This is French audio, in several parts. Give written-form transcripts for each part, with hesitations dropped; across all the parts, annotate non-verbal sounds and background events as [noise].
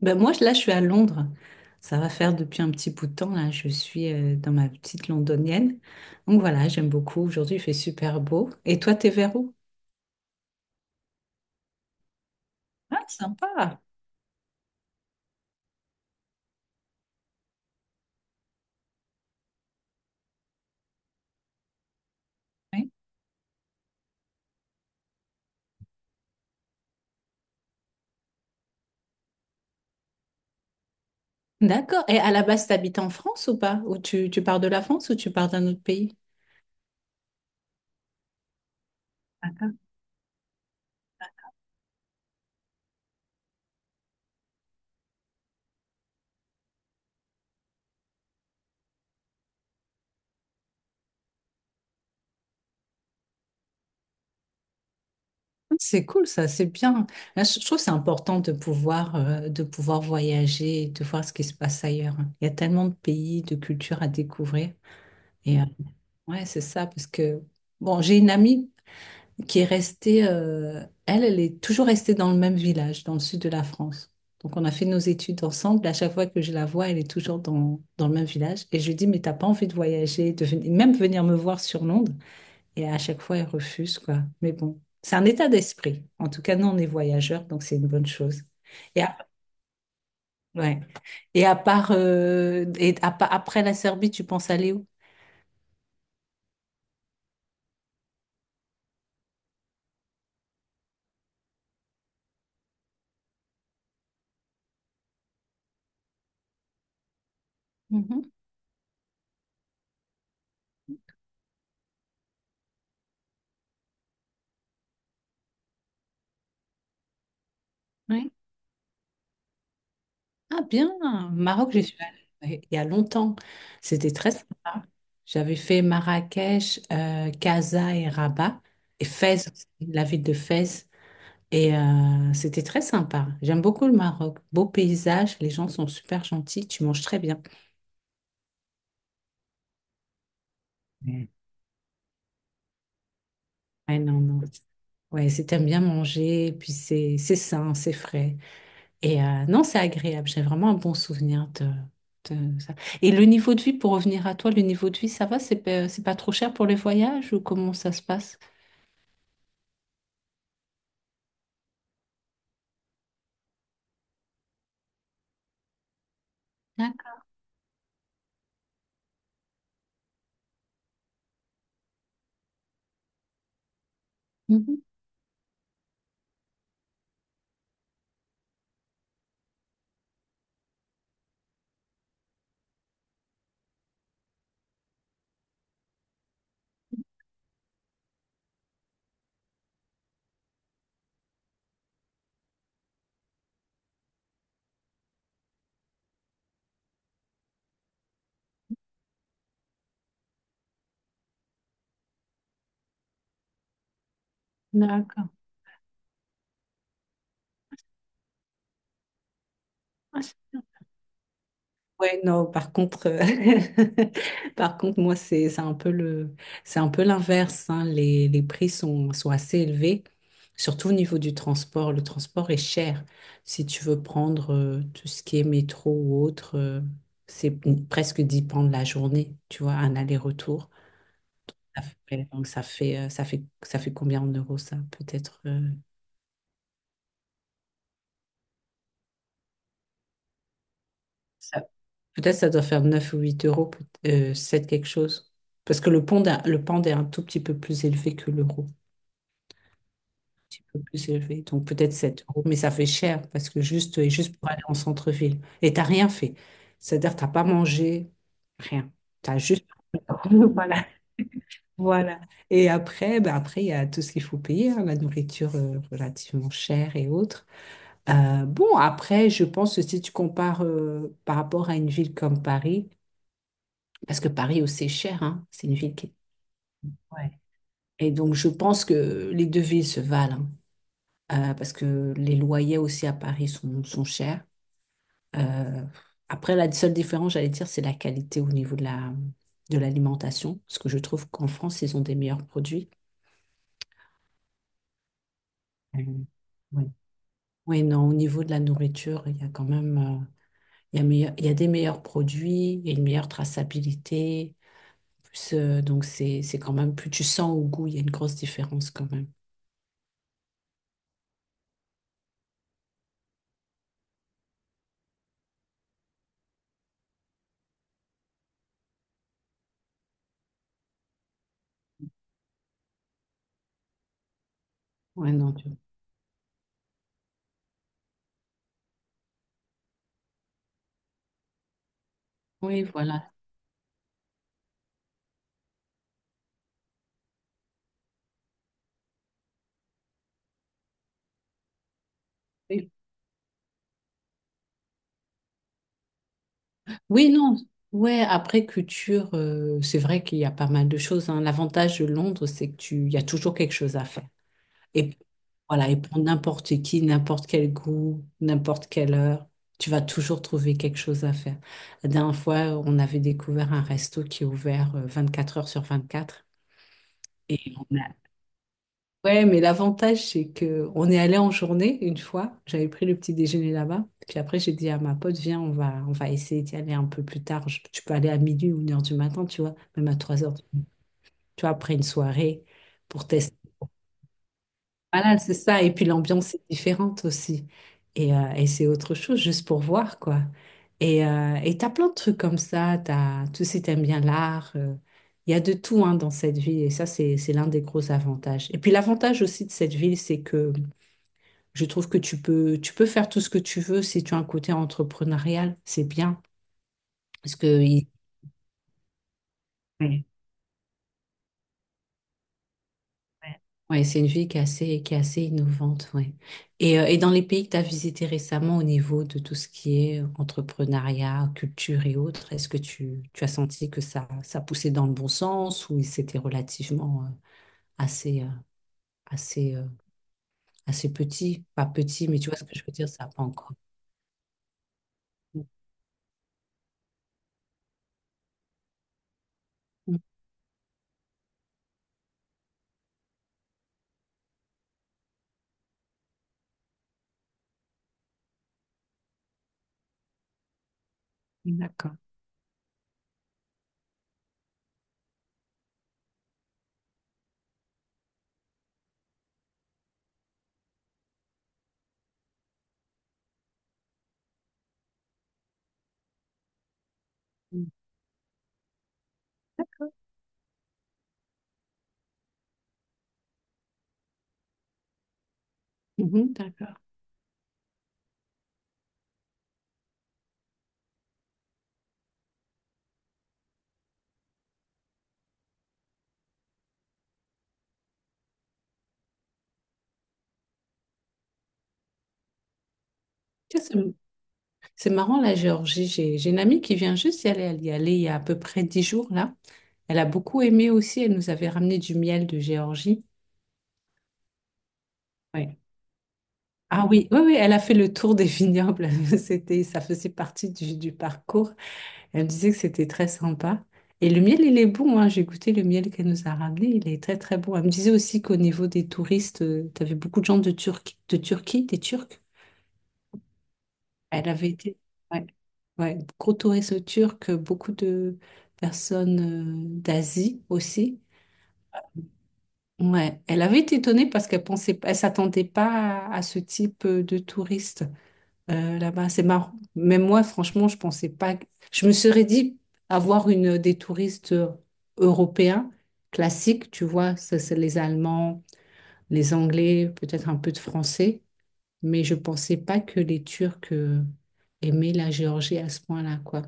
Ben moi, là, je suis à Londres. Ça va faire depuis un petit bout de temps, là. Je suis dans ma petite londonienne. Donc voilà, j'aime beaucoup. Aujourd'hui, il fait super beau. Et toi, t'es vers où? Ah, sympa. Oui. D'accord. Et à la base, t'habites en France ou pas? Ou tu pars de la France ou tu pars d'un autre pays? D'accord. C'est cool, ça, c'est bien. Là, je trouve que c'est important de pouvoir, de pouvoir voyager, et de voir ce qui se passe ailleurs. Il y a tellement de pays, de cultures à découvrir. Et ouais, c'est ça, parce que, bon, j'ai une amie qui est restée, elle est toujours restée dans le même village, dans le sud de la France. Donc on a fait nos études ensemble. À chaque fois que je la vois, elle est toujours dans le même village. Et je lui dis, mais t'as pas envie de voyager, de même venir me voir sur Londres. Et à chaque fois, elle refuse, quoi. Mais bon, c'est un état d'esprit. En tout cas, nous, on est voyageurs, donc c'est une bonne chose. Et, ouais. Et à part, et à pa- après la Serbie, tu penses aller où? Mhm. Oui. Ah bien, Maroc, j'y, oui, suis allée, ouais, il y a longtemps. C'était très sympa. J'avais fait Marrakech, Casa et Rabat, et Fès, aussi, la ville de Fès. Et c'était très sympa. J'aime beaucoup le Maroc. Beau paysage, les gens sont super gentils, tu manges très bien. Ouais, non, non. Ouais, si t'aimes bien manger, puis c'est sain, c'est frais. Et non, c'est agréable. J'ai vraiment un bon souvenir de ça. Et le niveau de vie, pour revenir à toi, le niveau de vie, ça va? C'est pas trop cher pour les voyages ou comment ça se passe? D'accord. Mhm. D'accord. Ah, c'est bien. Ouais, non, par contre, [laughs] par contre, moi, c'est un peu l'inverse, hein. Les prix sont assez élevés, surtout au niveau du transport. Le transport est cher. Si tu veux prendre tout ce qui est métro ou autre, c'est presque 10 pounds la journée, tu vois, un aller-retour. Ça Donc, ça fait combien en euros, ça? Ça- Peut-être ça doit faire 9 ou 8 euros, 7 quelque chose. Parce que le pound est un tout petit peu plus élevé que l'euro. Un peu plus élevé. Donc peut-être 7 euros. Mais ça fait cher parce que juste pour aller en centre-ville. Et t'as rien fait. C'est-à-dire, t'as pas mangé, rien. T'as juste. [laughs] Voilà. Voilà. Et après, il y a tout ce qu'il faut payer, hein, la nourriture relativement chère et autres. Bon, après, je pense que si tu compares par rapport à une ville comme Paris, parce que Paris aussi est cher, hein. C'est une ville qui est. Ouais. Et donc, je pense que les deux villes se valent, hein. Parce que les loyers aussi à Paris sont chers. Euh, après, la seule différence, j'allais dire, c'est la qualité au niveau de l'alimentation, parce que je trouve qu'en France, ils ont des meilleurs produits. Mhm. Oui. Oui, non, au niveau de la nourriture, il y a quand même, il y a il y a des meilleurs produits, il y a une meilleure traçabilité. Plus, donc, c'est quand même, plus tu sens au goût, il y a une grosse différence quand même. Ouais, non, oui, voilà. Oui, oui, non. Ouais, après culture, c'est vrai qu'il y a pas mal de choses, hein. L'avantage de Londres, c'est que il y a toujours quelque chose à faire. Et voilà, et pour n'importe qui, n'importe quel goût, n'importe quelle heure, tu vas toujours trouver quelque chose à faire. La dernière fois, on avait découvert un resto qui est ouvert 24 heures sur 24. Et on Ouais, mais l'avantage, c'est que on est allé en journée une fois. J'avais pris le petit déjeuner là-bas. Puis après, j'ai dit à ma pote, viens, on va essayer d'y aller un peu plus tard. Tu peux aller à minuit ou 1 heure du matin, tu vois, même à 3 heures. Tu vois, après une soirée pour tester. Voilà, c'est ça. Et puis l'ambiance est différente aussi. Et c'est autre chose, juste pour voir, quoi. Et t'as plein de trucs comme ça. T'as, tu sais, t'aimes bien l'art. Il y a de tout hein, dans cette ville. Et ça, c'est l'un des gros avantages. Et puis l'avantage aussi de cette ville, c'est que je trouve que tu peux faire tout ce que tu veux si tu as un côté entrepreneurial, c'est bien. Parce que il- ouais, ouais, ouais, c'est une vie qui est assez innovante, ouais. Et dans les pays que tu as visités récemment au niveau de tout ce qui est entrepreneuriat, culture et autres, est-ce que tu as senti que ça poussait dans le bon sens ou c'était relativement assez, euh, assez, euh, assez petit? Pas petit, mais tu vois ce que je veux dire, ça n'a pas encore. Mm, d'accord. Mm, mhm, d'accord. Tiens, ça me- C'est marrant, la Géorgie. J'ai une amie qui vient juste y aller. Elle y allait il y a à peu près 10 jours, là. Elle a beaucoup aimé aussi. Elle nous avait ramené du miel de Géorgie. Ouais. Ah oui, oui, oui, elle a fait le tour des vignobles. [laughs] C'était, ça faisait partie du parcours. Elle me disait que c'était très sympa. Et le miel, il est bon, hein. J'ai goûté le miel qu'elle nous a ramené. Il est très, très bon. Elle me disait aussi qu'au niveau des touristes, tu avais beaucoup de gens de Turquie, des Turcs. Elle avait été, ouais, ouais, gros tourisme turc, beaucoup de personnes d'Asie aussi. Ouais, elle avait été étonnée parce qu'elle pensait, elle s'attendait pas à ce type de touriste là-bas. C'est marrant. Même moi, franchement, je pensais pas. Je me serais dit avoir une des touristes européens classiques, tu vois, ça, c'est les Allemands, les Anglais, peut-être un peu de Français, mais je pensais pas que les Turcs aimaient la Géorgie à ce point-là, quoi.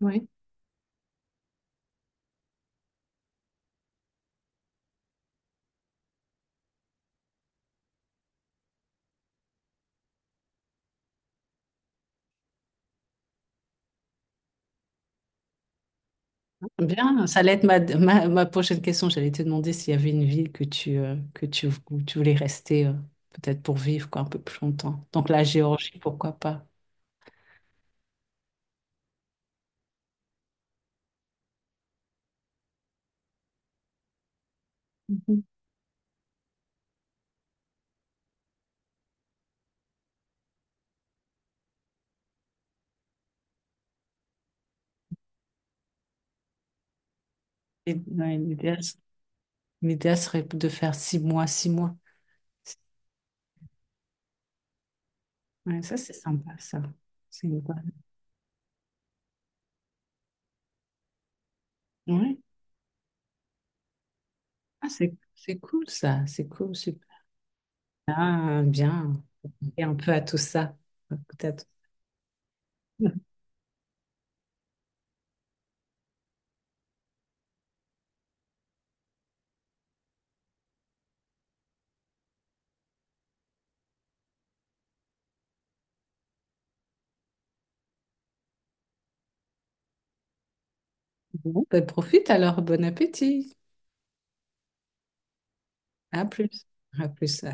Oui, bien. Ça allait être ma prochaine question. J'allais te demander s'il y avait une ville où tu voulais rester, peut-être pour vivre quoi, un peu plus longtemps. Donc la Géorgie, pourquoi pas? Mhm. Ouais, L'idéal serait de faire 6 mois, 6 mois. Ouais, ça, c'est sympa, ça. C'est une bonne- Ouais. Ah, c'est cool, ça. C'est cool, super. Ah, bien. Et un peu à tout ça. Peut-être. [laughs] Bon, ben profite alors, bon appétit. À plus. À plus.